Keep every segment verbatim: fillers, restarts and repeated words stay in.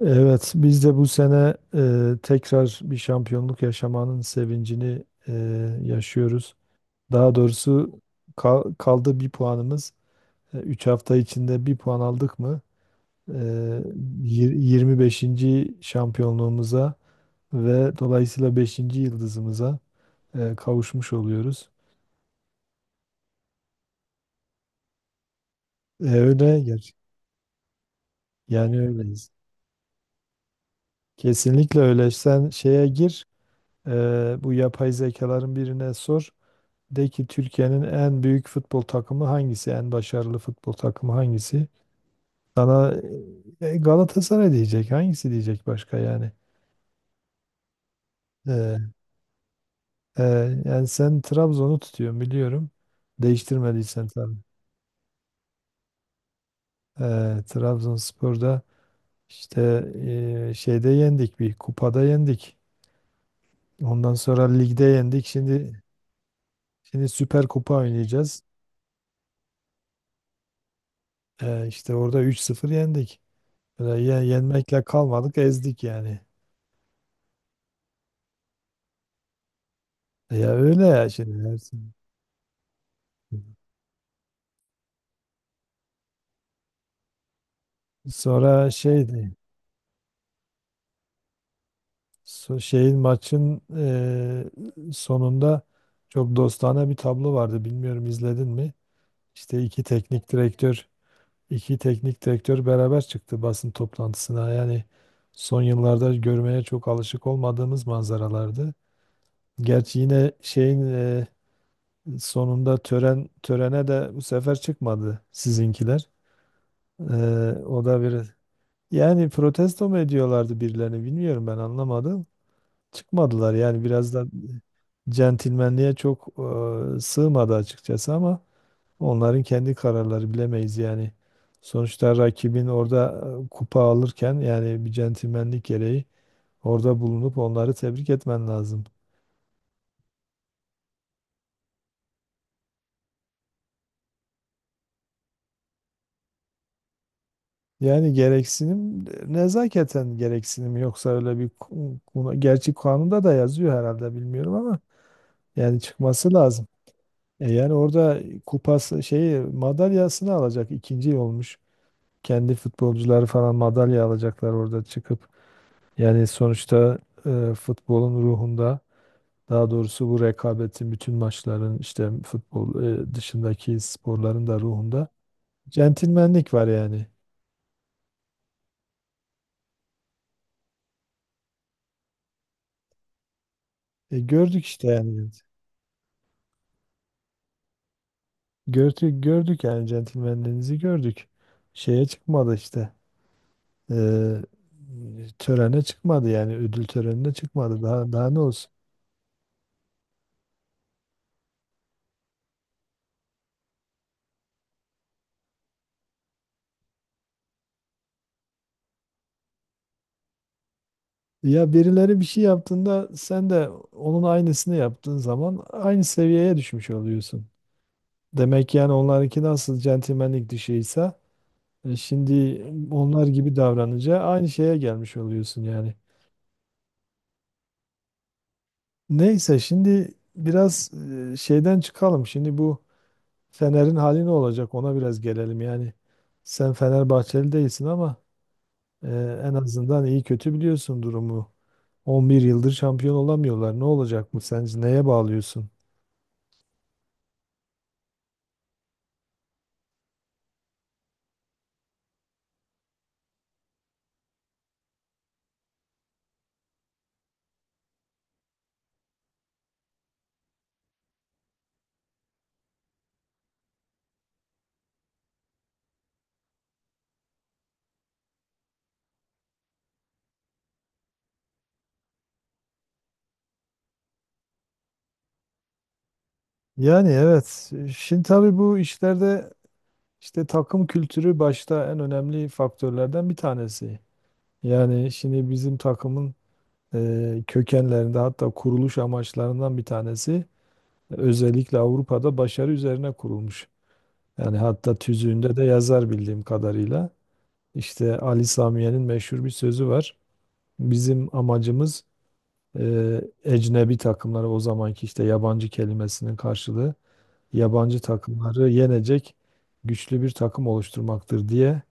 Evet, biz de bu sene e, tekrar bir şampiyonluk yaşamanın sevincini e, yaşıyoruz. Daha doğrusu kal- kaldı bir puanımız. E, Üç hafta içinde bir puan aldık mı e, yir- yirmi beşinci şampiyonluğumuza ve dolayısıyla beşinci yıldızımıza e, kavuşmuş oluyoruz. E, öyle, ger- yani öyleyiz. Kesinlikle öyle. Sen şeye gir, e, bu yapay zekaların birine sor. De ki Türkiye'nin en büyük futbol takımı hangisi? En başarılı futbol takımı hangisi? Sana e, e, Galatasaray diyecek. Hangisi diyecek başka yani? Ee, e, Yani sen Trabzon'u tutuyorsun biliyorum. Değiştirmediysen tabii. Ee, Trabzonspor'da işte e, şeyde yendik, bir kupada yendik. Ondan sonra ligde yendik. Şimdi şimdi Süper Kupa oynayacağız. Ee, işte orada üç sıfır yendik. Böyle ye- yenmekle kalmadık, ezdik yani. Ya öyle ya şimdi. her- Sonra şeydi. So- Şeyin Maçın e, sonunda çok dostane bir tablo vardı. Bilmiyorum izledin mi? İşte iki teknik direktör, iki teknik direktör beraber çıktı basın toplantısına. Yani son yıllarda görmeye çok alışık olmadığımız manzaralardı. Gerçi yine şeyin e, sonunda tören törene de bu sefer çıkmadı sizinkiler. E, o da bir Yani protesto mu ediyorlardı birilerini bilmiyorum, ben anlamadım. Çıkmadılar yani, biraz da centilmenliğe çok e, sığmadı açıkçası, ama onların kendi kararları, bilemeyiz yani. Sonuçta rakibin orada e, kupa alırken yani bir centilmenlik gereği orada bulunup onları tebrik etmen lazım. Yani gereksinim e, nezaketen, gereksinim yoksa öyle bir ku- ku- gerçi kanunda da yazıyor herhalde, bilmiyorum ama yani çıkması lazım. E yani orada kupası şeyi madalyasını alacak ikinci olmuş. Kendi futbolcuları falan madalya alacaklar orada çıkıp. Yani sonuçta e, futbolun ruhunda, daha doğrusu bu rekabetin, bütün maçların, işte futbol e, dışındaki sporların da ruhunda centilmenlik var yani. E, gördük işte yani. Gördük, gördük yani, centilmenliğinizi gördük. Şeye çıkmadı işte. E, Törene çıkmadı yani, ödül törenine çıkmadı. Daha daha ne olsun? Ya birileri bir şey yaptığında sen de onun aynısını yaptığın zaman aynı seviyeye düşmüş oluyorsun. Demek yani onlarınki nasıl centilmenlik dışıysa, e, şimdi onlar gibi davranınca aynı şeye gelmiş oluyorsun yani. Neyse, şimdi biraz e, şeyden çıkalım. Şimdi bu Fener'in hali ne olacak, ona biraz gelelim yani. Sen Fenerbahçeli değilsin ama e, en azından iyi kötü biliyorsun durumu. on bir yıldır şampiyon olamıyorlar. Ne olacak bu sence? Neye bağlıyorsun? Yani evet. Şimdi tabii bu işlerde işte takım kültürü başta en önemli faktörlerden bir tanesi. Yani şimdi bizim takımın e, kökenlerinde, hatta kuruluş amaçlarından bir tanesi özellikle Avrupa'da başarı üzerine kurulmuş. Yani hatta tüzüğünde de yazar bildiğim kadarıyla. İşte Ali Samiye'nin meşhur bir sözü var. Bizim amacımız e, ecnebi takımları, o zamanki işte yabancı kelimesinin karşılığı, yabancı takımları yenecek güçlü bir takım oluşturmaktır diye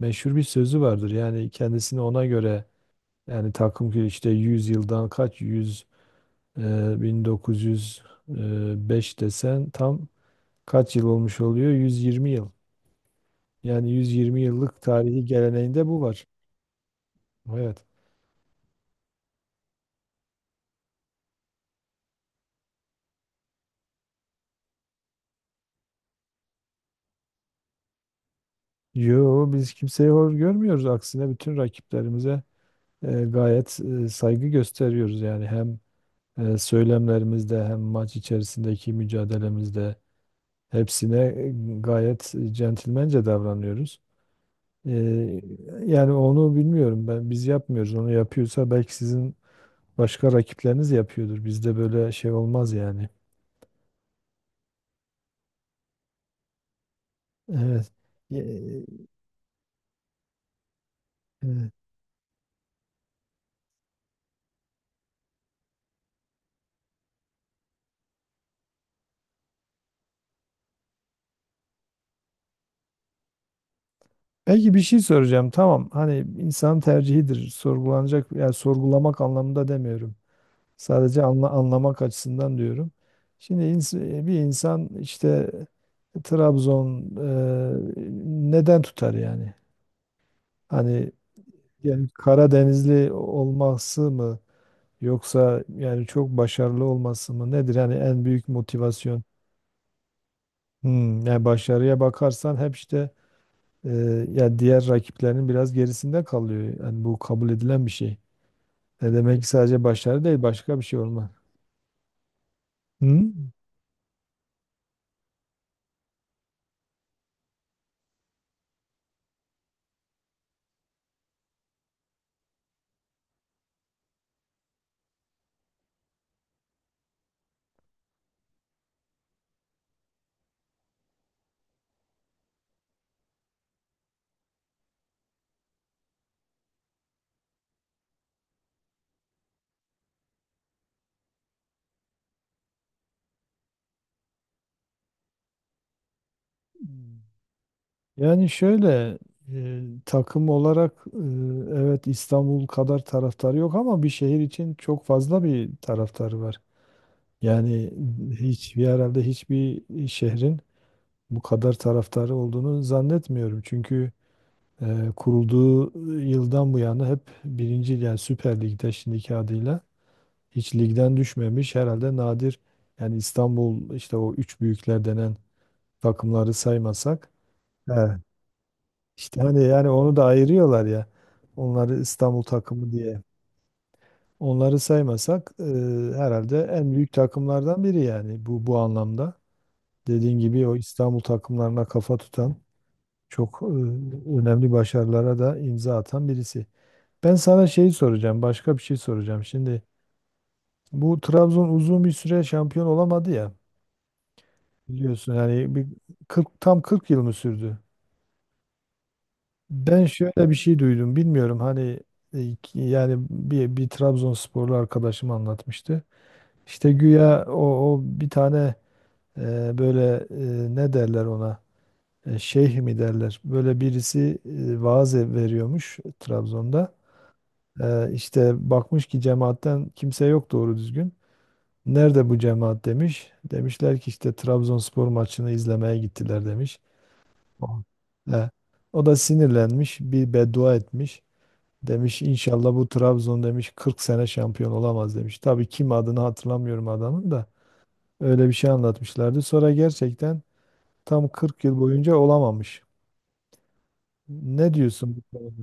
meşhur bir sözü vardır. Yani kendisini ona göre, yani takım ki işte yüz yıldan kaç yüz, e, bin dokuz yüz beş desen tam kaç yıl olmuş oluyor? yüz yirmi yıl. Yani yüz yirmi yıllık tarihi geleneğinde bu var. Evet. Yo biz kimseyi hor görmüyoruz. Aksine bütün rakiplerimize e, gayet e, saygı gösteriyoruz, yani hem e, söylemlerimizde, hem maç içerisindeki mücadelemizde hepsine e, gayet centilmence davranıyoruz. E, Yani onu bilmiyorum, ben biz yapmıyoruz. Onu yapıyorsa belki sizin başka rakipleriniz yapıyordur. Bizde böyle şey olmaz yani. Evet. E, e, Belki bir şey soracağım. Tamam. Hani insan tercihidir. Sorgulanacak, yani sorgulamak anlamında demiyorum. Sadece anla, anlamak açısından diyorum. Şimdi ins- bir insan işte Trabzon e, neden tutar yani? Hani yani Karadenizli olması mı, yoksa yani çok başarılı olması mı nedir? Yani en büyük motivasyon. Hmm, yani başarıya bakarsan hep işte e, ya diğer rakiplerinin biraz gerisinde kalıyor. Yani bu kabul edilen bir şey. Ne demek ki sadece başarı, değil başka bir şey olma. Hmm? Yani şöyle e, takım olarak, e, evet İstanbul kadar taraftarı yok ama bir şehir için çok fazla bir taraftarı var. Yani hiç, herhalde hiçbir şehrin bu kadar taraftarı olduğunu zannetmiyorum. Çünkü e, kurulduğu yıldan bu yana hep birinci, yani Süper Lig'de şimdiki adıyla hiç ligden düşmemiş herhalde, nadir yani, İstanbul işte o üç büyükler denen takımları saymasak. He. İşte hani yani onu da ayırıyorlar ya. Onları İstanbul takımı diye. Onları saymasak e, herhalde en büyük takımlardan biri yani, bu bu anlamda. Dediğin gibi o İstanbul takımlarına kafa tutan, çok e, önemli başarılara da imza atan birisi. Ben sana şeyi soracağım, başka bir şey soracağım. Şimdi bu Trabzon uzun bir süre şampiyon olamadı ya, biliyorsun yani bir kırk, tam kırk yıl mı sürdü? Ben şöyle bir şey duydum. Bilmiyorum hani, e, ki- yani bir, bir Trabzonsporlu arkadaşım anlatmıştı. İşte güya o, o bir tane, e, böyle, e, ne derler ona, e, şeyh mi derler. Böyle birisi e, vaaz e, veriyormuş Trabzon'da. E, işte bakmış ki cemaatten kimse yok doğru düzgün. Nerede bu cemaat demiş. Demişler ki işte Trabzonspor maçını izlemeye gittiler demiş. Aa. E, O da sinirlenmiş, bir beddua etmiş. Demiş inşallah bu Trabzon demiş kırk sene şampiyon olamaz demiş. Tabii kim, adını hatırlamıyorum adamın da, öyle bir şey anlatmışlardı. Sonra gerçekten tam kırk yıl boyunca olamamış. Ne diyorsun bu konuda?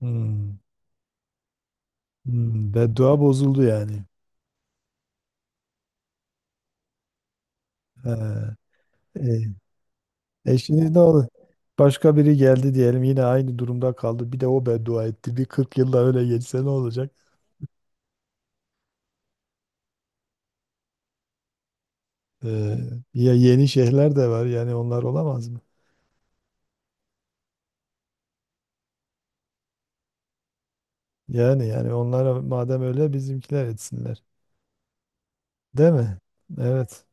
Hmm. Hmm. Beddua bozuldu yani. He. E, e Şimdi ne oldu? Başka biri geldi diyelim, yine aynı durumda kaldı. Bir de o beddua etti. Bir kırk yılda öyle geçse ne olacak? Ee, Ya yeni şeyler de var, yani onlar olamaz mı? Yani yani onlara madem öyle bizimkiler etsinler. Değil mi? Evet,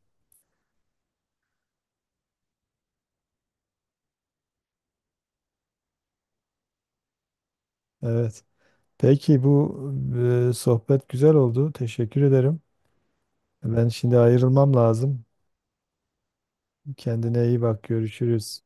evet. Peki bu e, sohbet güzel oldu. Teşekkür ederim. Ben şimdi ayrılmam lazım. Kendine iyi bak. Görüşürüz.